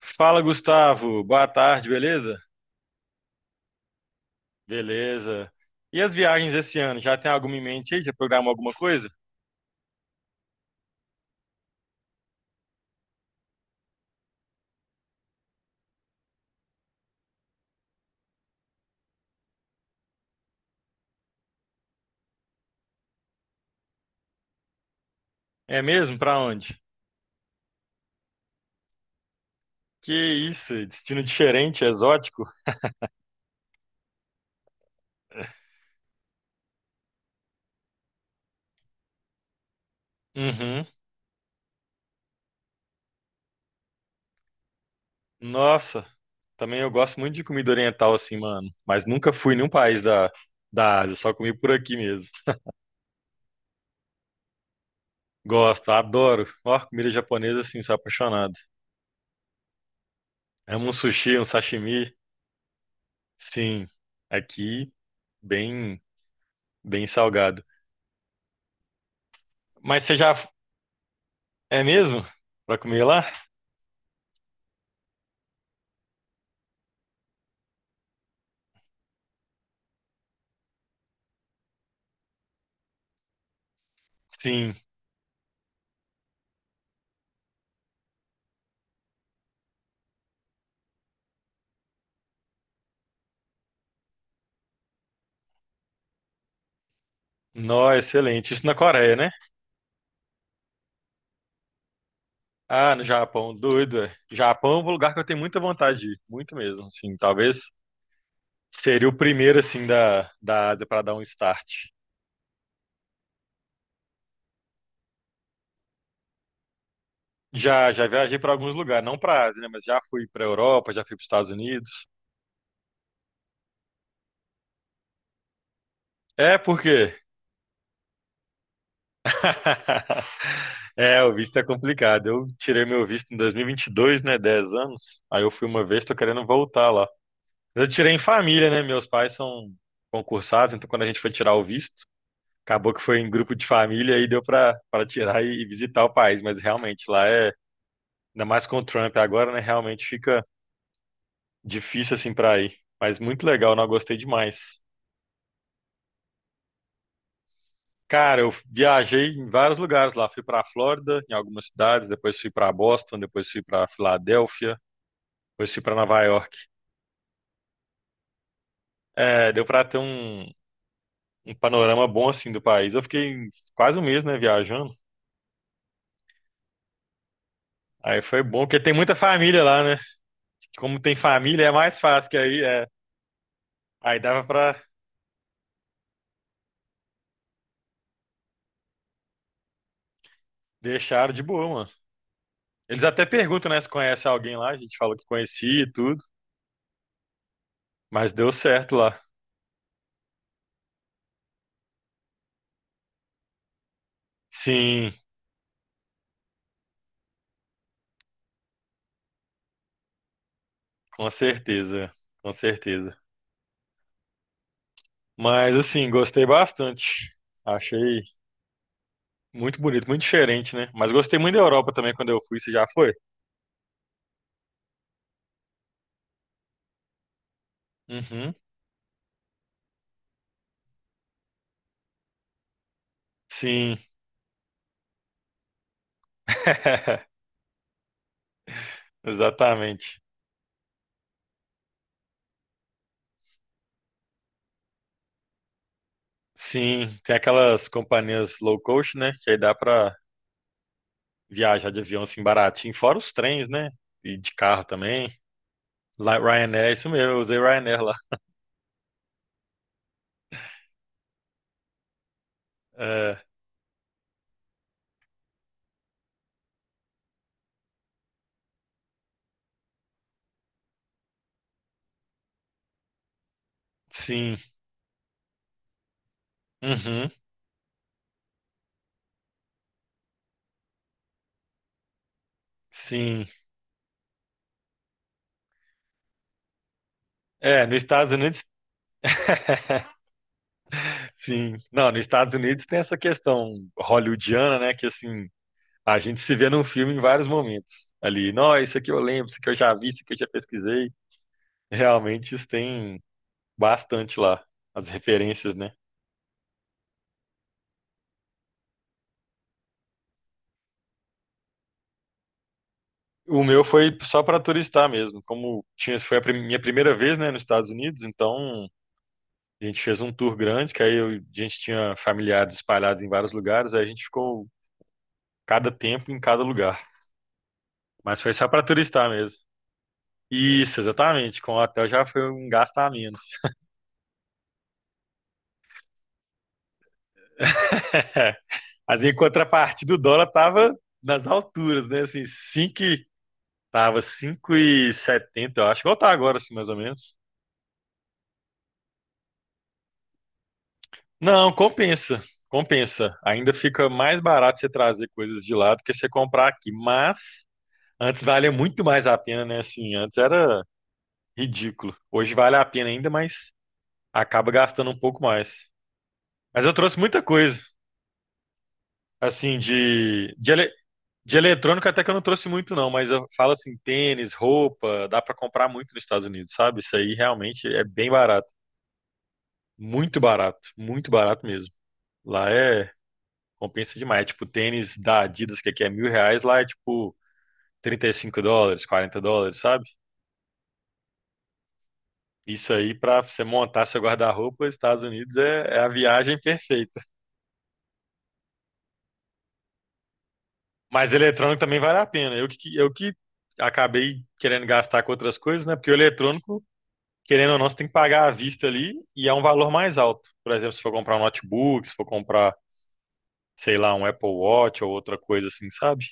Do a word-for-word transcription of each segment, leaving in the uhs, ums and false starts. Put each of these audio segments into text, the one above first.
Fala, Gustavo. Boa tarde, beleza? Beleza. E as viagens esse ano? Já tem alguma em mente aí? Já programou alguma coisa? É mesmo? Pra onde? Que isso? Destino diferente, exótico? Uhum. Nossa. Também eu gosto muito de comida oriental assim, mano. Mas nunca fui em nenhum país da, da Ásia. Só comi por aqui mesmo. Gosto, adoro. Ó, comida japonesa assim, sou apaixonado. Amo um sushi, um sashimi. Sim. Aqui, bem, bem salgado. Mas você já... É mesmo? Pra comer lá? Sim. Nó, excelente. Isso na Coreia, né? Ah, no Japão, doido. É. Japão é um lugar que eu tenho muita vontade de ir, muito mesmo. Sim, talvez seria o primeiro assim da da Ásia para dar um start. Já já viajei para alguns lugares, não para Ásia, né, mas já fui para Europa, já fui para os Estados Unidos. É, por quê? É, o visto é complicado. Eu tirei meu visto em dois mil e e vinte e dois, né, Dez anos. Aí eu fui uma vez, tô querendo voltar lá. Eu tirei em família, né? Meus pais são concursados, então quando a gente foi tirar o visto, acabou que foi em grupo de família e deu para para tirar e visitar o país, mas realmente lá é, ainda mais com o Trump agora, né? Realmente fica difícil assim para ir. Mas muito legal, não, gostei demais. Cara, eu viajei em vários lugares lá, fui para Flórida, em algumas cidades, depois fui para Boston, depois fui para Filadélfia, depois fui para Nova York. É, deu para ter um, um panorama bom assim do país. Eu fiquei quase um mês, né, viajando. Aí foi bom, porque tem muita família lá, né? Como tem família, é mais fácil, que aí é... Aí dava pra deixar de boa, mano. Eles até perguntam, né, se conhece alguém lá. A gente falou que conhecia e tudo, mas deu certo lá. Sim, com certeza, com certeza. Mas assim, gostei bastante. Achei muito bonito, muito diferente, né? Mas gostei muito da Europa também quando eu fui. Você já foi? Uhum. Sim, exatamente. Sim, tem aquelas companhias low cost, né? Que aí dá pra viajar de avião assim baratinho, fora os trens, né? E de carro também. Lá- Ryanair, isso mesmo, eu usei Ryanair lá. É, sim, uhum, sim. É, nos Estados Unidos. Sim. Não, nos Estados Unidos tem essa questão hollywoodiana, né? Que assim, a gente se vê num filme em vários momentos. Ali, não, isso aqui eu lembro, isso aqui eu já vi, isso aqui eu já pesquisei. Realmente isso tem bastante lá, as referências, né? O meu foi só para turistar mesmo. Como tinha, foi a prim- minha primeira vez, né, nos Estados Unidos, então a gente fez um tour grande, que aí eu- a gente tinha familiares espalhados em vários lugares, aí a gente ficou cada tempo em cada lugar. Mas foi só para turistar mesmo. Isso, exatamente. Com o hotel já foi um gasto a menos. Mas em contrapartida, o dólar tava nas alturas, né? Assim, cinco, tava cinco e setenta, eu acho. Igual tá agora, assim, mais ou menos. Não, compensa, compensa. Ainda fica mais barato você trazer coisas de lá do que você comprar aqui. Mas antes valia muito mais a pena, né? Assim, antes era ridículo. Hoje vale a pena ainda, mas acaba gastando um pouco mais. Mas eu trouxe muita coisa, assim, de, de, ele- de eletrônico até que eu não trouxe muito, não. Mas eu falo assim, tênis, roupa, dá pra comprar muito nos Estados Unidos, sabe? Isso aí realmente é bem barato. Muito barato, muito barato mesmo. Lá é... Compensa demais. É, tipo, tênis da Adidas, que aqui é mil reais, lá é tipo trinta e cinco dólares, quarenta dólares, sabe? Isso aí, pra você montar seu guarda-roupa, Estados Unidos é, é a viagem perfeita. Mas eletrônico também vale a pena. Eu que, eu que acabei querendo gastar com outras coisas, né? Porque o eletrônico, querendo ou não, você tem que pagar à vista ali e é um valor mais alto. Por exemplo, se for comprar um notebook, se for comprar, sei lá, um Apple Watch ou outra coisa assim, sabe?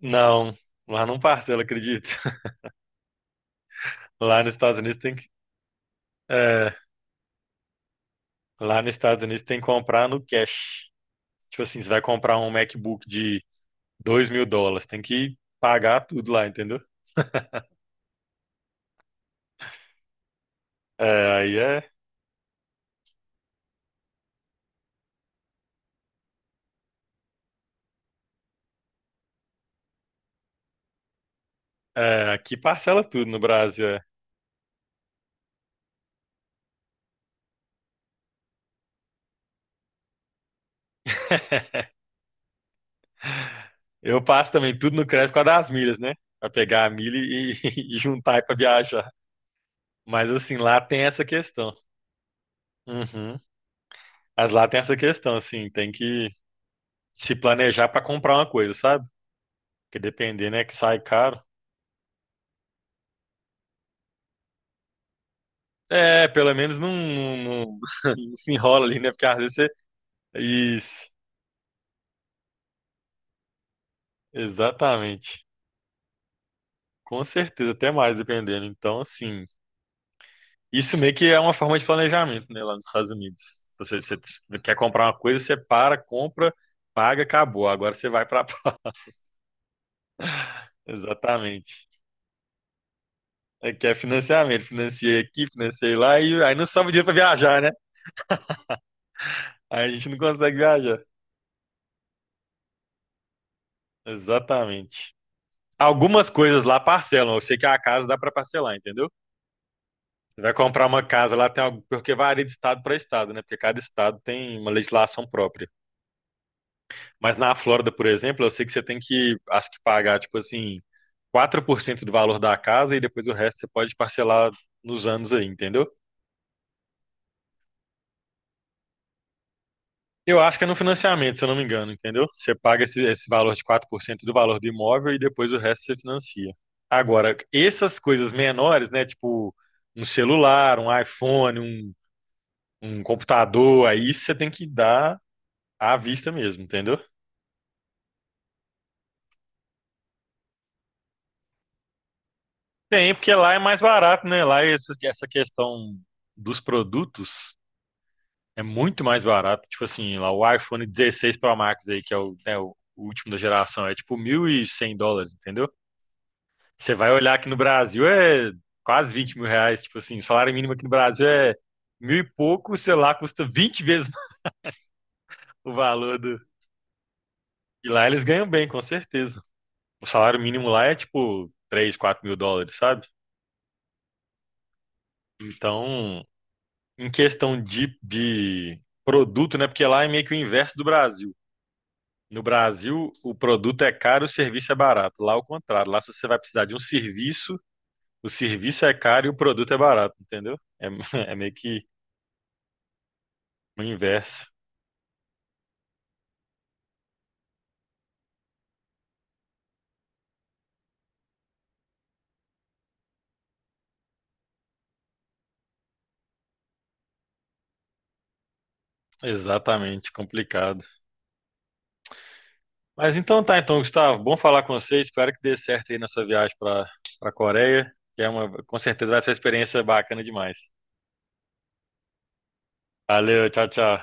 Não, lá não parcela, acredito. Lá nos Estados Unidos tem que... É, lá nos Estados Unidos tem que comprar no cash. Tipo assim, você vai comprar um MacBook de dois mil dólares, tem que pagar tudo lá, entendeu? É, aí é, é... Aqui parcela tudo no Brasil. É. Eu passo também tudo no crédito por causa das milhas, né? Pra pegar a milha e, e juntar pra viajar. Mas assim, lá tem essa questão. Uhum. Mas lá tem essa questão, assim, tem que se planejar pra comprar uma coisa, sabe? Porque depender, né, que sai caro. É, pelo menos não, não- não- não se enrola ali, né? Porque às vezes... Isso, exatamente. Com certeza, até mais, dependendo. Então, assim, isso meio que é uma forma de planejamento, né, lá nos Estados Unidos. Se você, você quer comprar uma coisa, você para, compra, paga, acabou. Agora você vai para... Exatamente. É que é financiamento. Financiei aqui, financiei lá, e aí não sobra dinheiro para viajar, né? Aí a gente não consegue viajar. Exatamente. Algumas coisas lá parcelam. Eu sei que a casa dá para parcelar, entendeu? Você vai comprar uma casa lá, tem algo, porque varia de estado para estado, né? Porque cada estado tem uma legislação própria. Mas na Flórida, por exemplo, eu sei que você tem que, acho que pagar, tipo assim, quatro por cento do valor da casa e depois o resto você pode parcelar nos anos aí, entendeu? Eu acho que é no financiamento, se eu não me engano, entendeu? Você paga esse, esse valor de quatro por cento do valor do imóvel e depois o resto você financia. Agora, essas coisas menores, né? Tipo, um celular, um iPhone, um, um computador, aí você tem que dar à vista mesmo, entendeu? Tem, porque lá é mais barato, né? Lá essa, essa questão dos produtos é muito mais barato. Tipo assim, lá o iPhone dezesseis Pro Max aí, que é o, né, o último da geração, é tipo mil e cem dólares, entendeu? Você vai olhar aqui no Brasil é quase vinte mil reais. Tipo assim, o salário mínimo aqui no Brasil é mil e pouco, sei lá, custa vinte vezes o valor do... E lá eles ganham bem, com certeza. O salário mínimo lá é tipo três, quatro mil dólares, sabe? Então, em questão de, de produto, né? Porque lá é meio que o inverso do Brasil. No Brasil, o produto é caro, o serviço é barato. Lá, é o contrário. Lá, se você vai precisar de um serviço, o serviço é caro e o produto é barato, entendeu? É, é meio que o inverso. Exatamente, complicado. Mas então tá, então, Gustavo, bom falar com você. Espero que dê certo aí na sua viagem para a Coreia, que é uma, com certeza vai ser uma experiência bacana demais. Valeu, tchau, tchau.